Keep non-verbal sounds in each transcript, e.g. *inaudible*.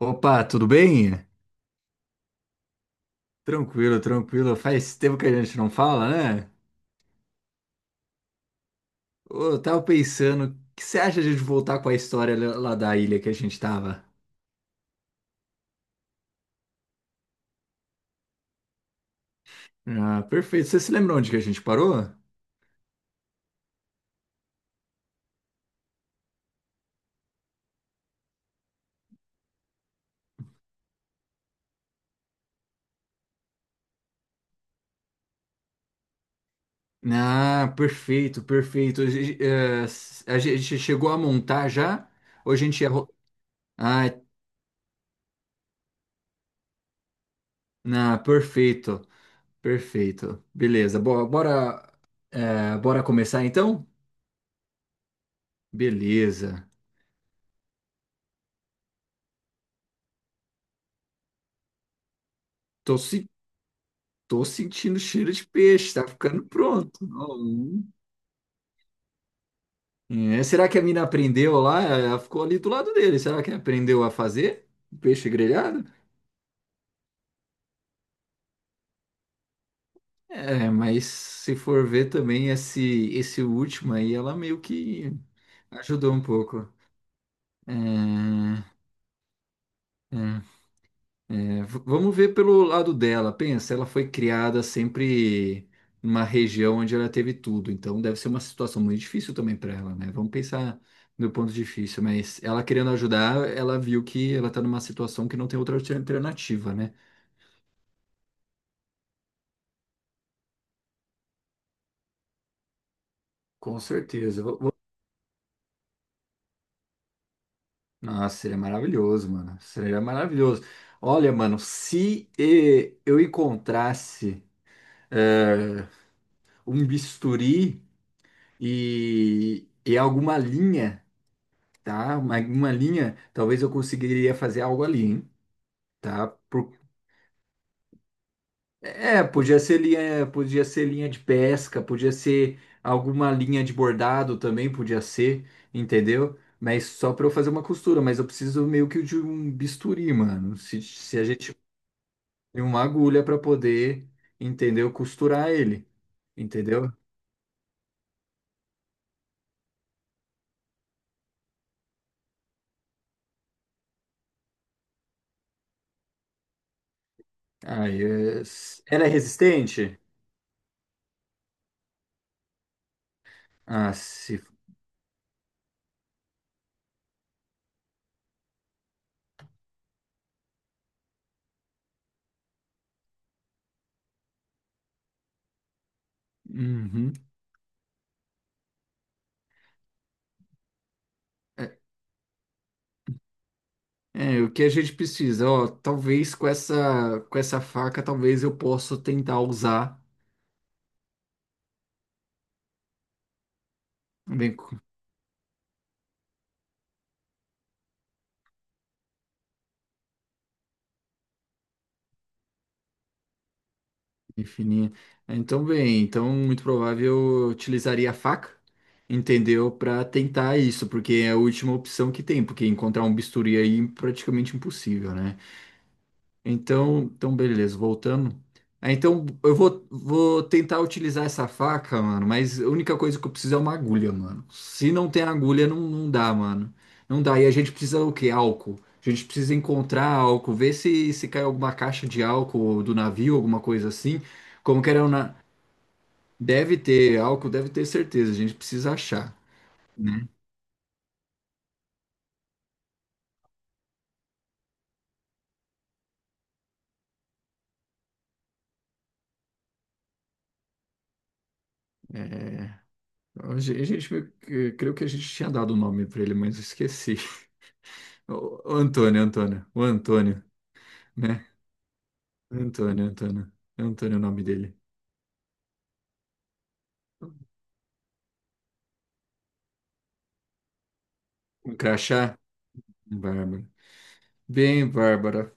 Opa, tudo bem? Tranquilo, tranquilo. Faz tempo que a gente não fala, né? Ô, eu tava pensando, o que você acha de a gente voltar com a história lá da ilha que a gente tava? Ah, perfeito. Você se lembra onde que a gente parou? Ah, perfeito, perfeito. A gente, a gente chegou a montar já? Ou a gente ia... Ah, é, ah, perfeito, perfeito. Beleza, bora, bora começar então? Beleza. Tô se Tô sentindo cheiro de peixe, tá ficando pronto. Ó. É, será que a mina aprendeu lá? Ela ficou ali do lado dele. Será que aprendeu a fazer peixe grelhado? É, mas se for ver também esse último aí, ela meio que ajudou um pouco. É, é. É, vamos ver pelo lado dela. Pensa, ela foi criada sempre numa região onde ela teve tudo, então deve ser uma situação muito difícil também para ela, né? Vamos pensar no ponto difícil, mas ela querendo ajudar, ela viu que ela tá numa situação que não tem outra alternativa, né? Com certeza. Nossa, seria maravilhoso, mano. Seria maravilhoso. Olha, mano, se eu encontrasse eh, um bisturi e alguma linha. Tá? Uma linha, talvez eu conseguiria fazer algo ali, hein? Tá? É, podia ser linha de pesca, podia ser alguma linha de bordado também, podia ser, entendeu? Mas só para eu fazer uma costura, mas eu preciso meio que de um bisturi, mano. Se a gente tem uma agulha para poder, entendeu? Costurar ele, entendeu? Aí, era resistente? Ah, se. Uhum. É, é, o que a gente precisa, ó, talvez com essa faca, talvez eu possa tentar usar bem cu- bem fininha. É, então, bem, então muito provável eu utilizaria a faca, entendeu? Para tentar isso, porque é a última opção que tem, porque encontrar um bisturi aí é praticamente impossível, né? Então, então beleza, voltando. Ah, então eu vou tentar utilizar essa faca, mano, mas a única coisa que eu preciso é uma agulha, mano. Se não tem agulha, não, não dá, mano. Não dá. E a gente precisa o quê? Álcool. A gente precisa encontrar álcool, ver se cai alguma caixa de álcool do navio, alguma coisa assim. Como que era o na... Deve ter álcool, deve ter certeza. A gente precisa achar. É, a gente, meio que creio que a gente tinha dado o nome pra ele, mas eu esqueci. *laughs* O Antônio, Antônio, o Antônio. Né? Antônio, Antônio. É Antônio o nome dele. Um crachá? Bárbara. Bem, Bárbara.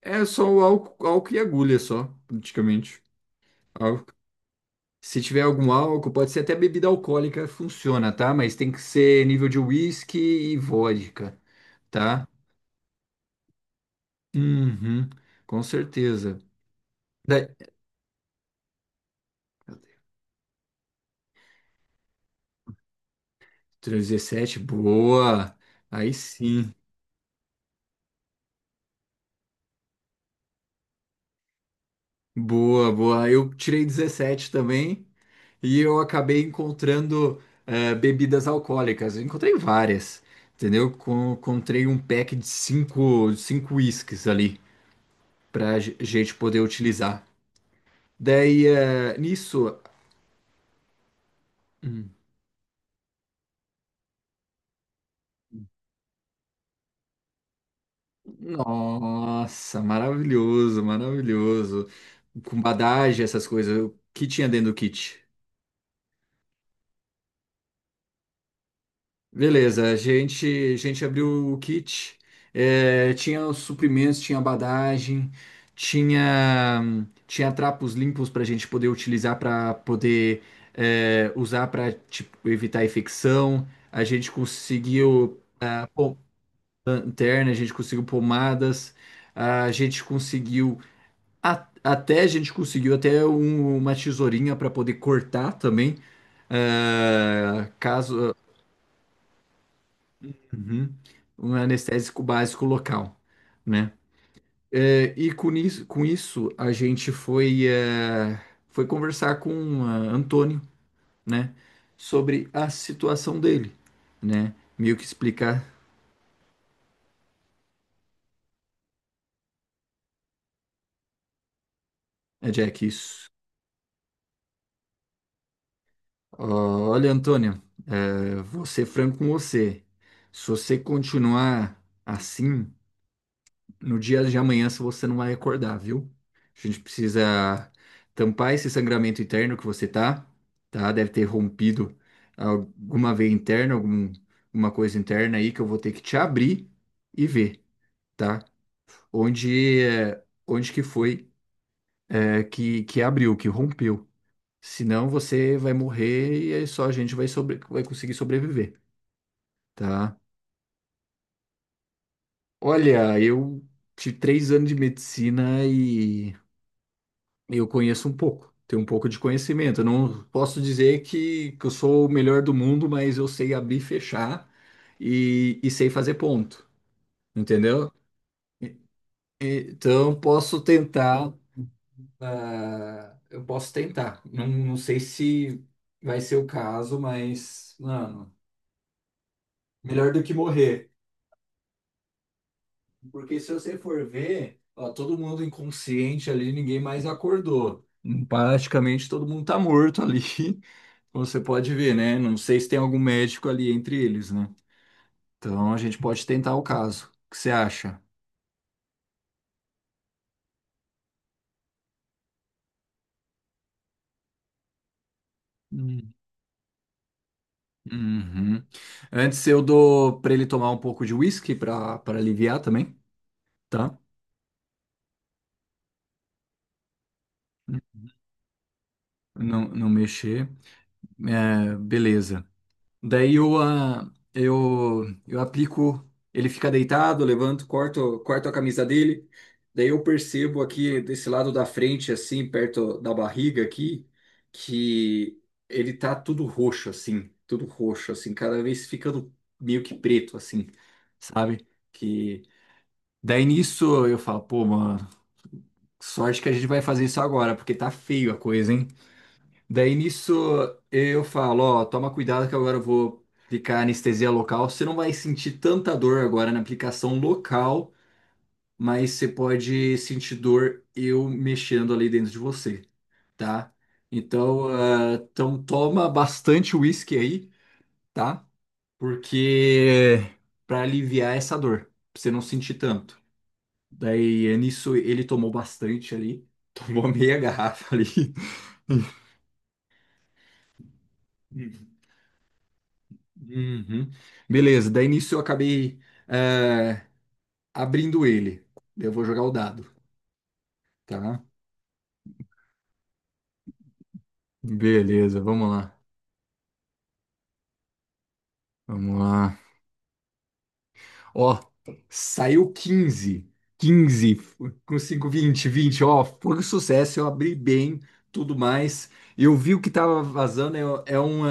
É só o álcool, álcool e agulha só, praticamente. Álcool. Se tiver algum álcool, pode ser até bebida alcoólica, funciona, tá? Mas tem que ser nível de whisky e vodka, tá? Uhum, com certeza. Da- 17, boa. Aí sim. Boa, boa. Eu tirei 17 também. E eu acabei encontrando bebidas alcoólicas. Eu encontrei várias, entendeu? Encontrei um pack de cinco, cinco uísques ali pra gente poder utilizar. Daí, eh, nisso, hum, nossa, maravilhoso, maravilhoso. Com badagem, essas coisas. O que tinha dentro do kit? Beleza, a gente abriu o kit, tinha os suprimentos, tinha badagem, tinha, tinha trapos limpos para a gente poder utilizar para poder usar para evitar infecção. A gente conseguiu a pom- lanterna, a gente conseguiu pomadas, a gente conseguiu até a gente conseguiu até uma tesourinha para poder cortar também, eh, caso. Uhum. Um anestésico básico local, né? É, e com isso, a gente foi, é, foi conversar com Antônio, né? Sobre a situação dele, né? Meio que explicar, é, Jack, isso. Ó, olha, Antônio, é, vou ser franco com você. Se você continuar assim, no dia de amanhã se você não vai acordar, viu? A gente precisa tampar esse sangramento interno que você tá, tá? Deve ter rompido alguma veia interna, algum, alguma coisa interna aí que eu vou ter que te abrir e ver, tá? Onde, é, onde que foi, é, que abriu, que rompeu. Senão você vai morrer e aí só a gente vai, sobre, vai conseguir sobreviver, tá? Olha, eu tive 3 anos de medicina e eu conheço um pouco, tenho um pouco de conhecimento. Eu não posso dizer que eu sou o melhor do mundo, mas eu sei abrir, e fechar e sei fazer ponto, entendeu? E- Então posso tentar, ah, eu posso tentar. Não, não sei se vai ser o caso, mas mano, melhor do que morrer. Porque se você for ver, ó, todo mundo inconsciente ali, ninguém mais acordou. Praticamente todo mundo tá morto ali. *laughs* Você pode ver, né? Não sei se tem algum médico ali entre eles, né? Então a gente pode tentar o caso. O que você acha? Hum. Uhum. Antes eu dou para ele tomar um pouco de whisky para para aliviar também, tá? Não, não mexer. É, beleza. Daí eu, ah, eu aplico, ele fica deitado, eu levanto, corto, corto a camisa dele. Daí eu percebo aqui desse lado da frente, assim, perto da barriga aqui, que ele tá tudo roxo, assim, cada vez ficando meio que preto, assim, sabe? Que daí nisso eu falo, pô, mano, sorte que a gente vai fazer isso agora, porque tá feio a coisa, hein? Daí nisso eu falo, ó, toma cuidado que agora eu vou aplicar anestesia local. Você não vai sentir tanta dor agora na aplicação local, mas você pode sentir dor eu mexendo ali dentro de você, tá? Então, ah, então toma bastante uísque aí, tá? Porque para aliviar essa dor, pra você não sentir tanto. Daí nisso ele tomou bastante ali, *laughs* tomou meia garrafa ali. *laughs* Uhum. Beleza, daí nisso eu acabei é, abrindo ele. Eu vou jogar o dado, tá? Beleza, vamos lá. Vamos lá. Ó, saiu 15, 15 f- com 5 20, 20. Ó, foi um sucesso. Eu abri bem, tudo mais. Eu vi o que tava vazando.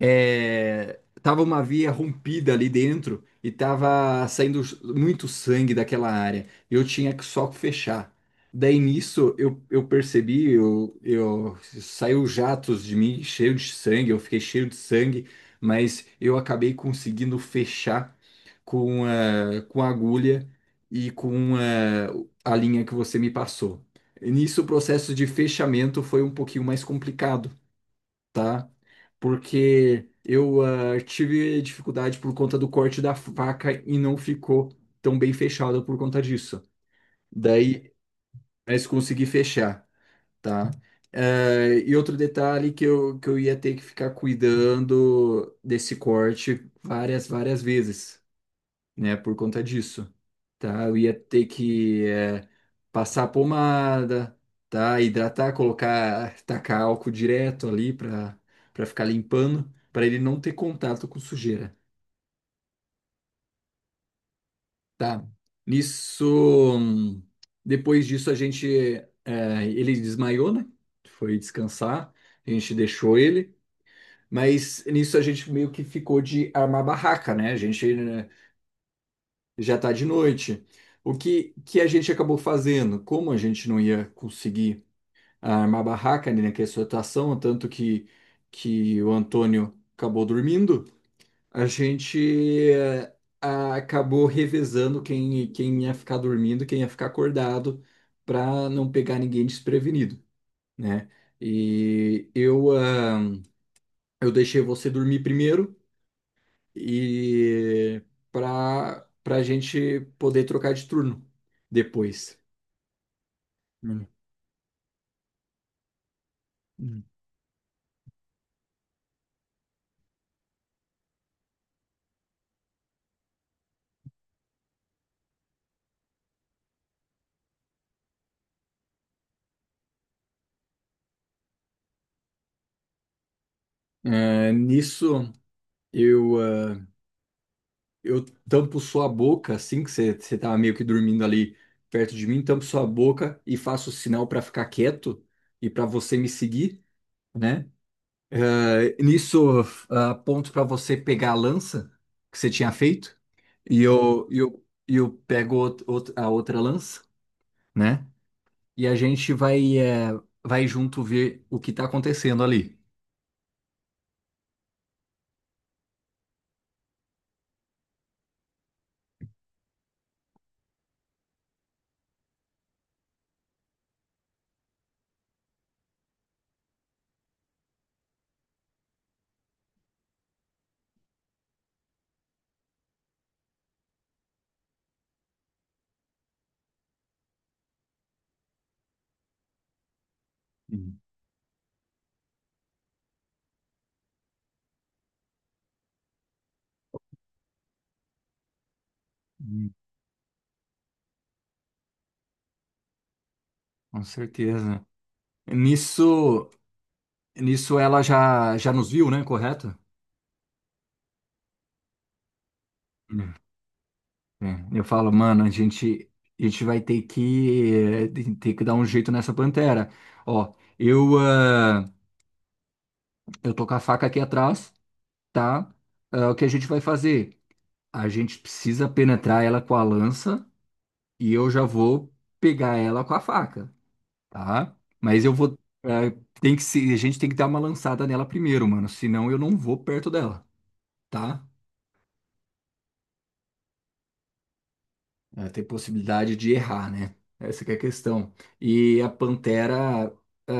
É, tava uma via rompida ali dentro e tava saindo muito sangue daquela área. Eu tinha que só fechar. Daí nisso eu percebi, eu saiu jatos de mim cheio de sangue, eu fiquei cheio de sangue, mas eu acabei conseguindo fechar com a agulha e com a linha que você me passou. E nisso o processo de fechamento foi um pouquinho mais complicado, tá? Porque eu ah, tive dificuldade por conta do corte da faca e não ficou tão bem fechada por conta disso. Daí, mas consegui fechar, tá? Eh, e outro detalhe que eu ia ter que ficar cuidando desse corte várias, várias vezes, né? Por conta disso, tá? Eu ia ter que passar pomada, tá? Hidratar, colocar, tacar álcool direto ali para para ficar limpando, para ele não ter contato com sujeira, tá? Nisso, hum, depois disso a gente, ele desmaiou, né? Foi descansar, a gente deixou ele. Mas nisso a gente meio que ficou de armar barraca, né? A gente, né, já está de noite. O que, que a gente acabou fazendo? Como a gente não ia conseguir armar barraca ali naquela situação, tanto que o Antônio acabou dormindo, a gente eh, acabou revezando quem, quem ia ficar dormindo, quem ia ficar acordado, para não pegar ninguém desprevenido, né? E eu, ah, eu deixei você dormir primeiro e para para a gente poder trocar de turno depois. Hum. Hum. É, nisso eu eu tampo sua boca assim que você tava meio que dormindo ali perto de mim, tampo sua boca e faço sinal para ficar quieto e para você me seguir, né? É, nisso aponto para você pegar a lança que você tinha feito e eu pego a outra lança. Né? E a gente vai, é, vai junto ver o que está acontecendo ali. Hum, hum. Com certeza. Nisso, nisso ela já, já nos viu, né? Correto? Hum, é. Eu falo, mano, a gente vai ter que, eh, ter que dar um jeito nessa pantera. Ó, eu, ah, eu tô com a faca aqui atrás, tá? Ah, o que a gente vai fazer? A gente precisa penetrar ela com a lança e eu já vou pegar ela com a faca. Tá? Mas eu vou. É, tem que se, a gente tem que dar uma lançada nela primeiro, mano. Senão eu não vou perto dela, tá? É, tem possibilidade de errar, né? Essa que é a questão. E a pantera é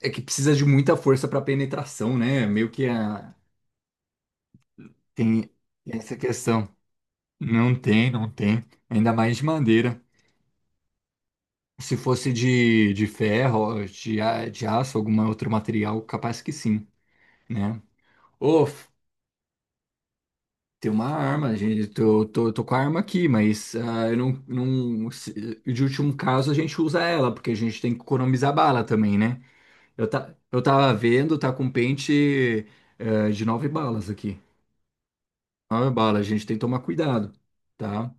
é que precisa de muita força para penetração, né? Meio que a, tem essa questão. Não tem, não tem. Ainda mais de madeira. Se fosse de ferro, de, de aço, algum outro material, capaz que sim, né? Ô, tem uma arma, gente. Tô com a arma aqui, mas ah, eu não, não, de último caso a gente usa ela, porque a gente tem que economizar bala também, né? Eu, tá, eu tava vendo, tá com pente de nove balas aqui. Nove balas, a gente tem que tomar cuidado, tá?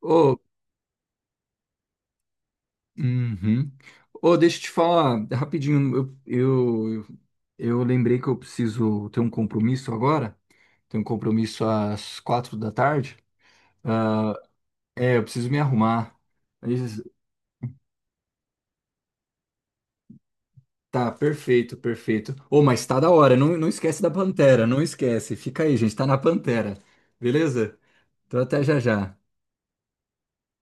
Ô, uhum. Ô, deixa eu te falar, rapidinho, eu, eu, eu lembrei que eu preciso ter um compromisso agora. Tenho um compromisso às 4 da tarde. Ah, é, eu preciso me arrumar. Mas tá, perfeito, perfeito. Ô, mas tá da hora. Não, não esquece da pantera, não esquece. Fica aí, gente. Tá na pantera. Beleza? Então até já já.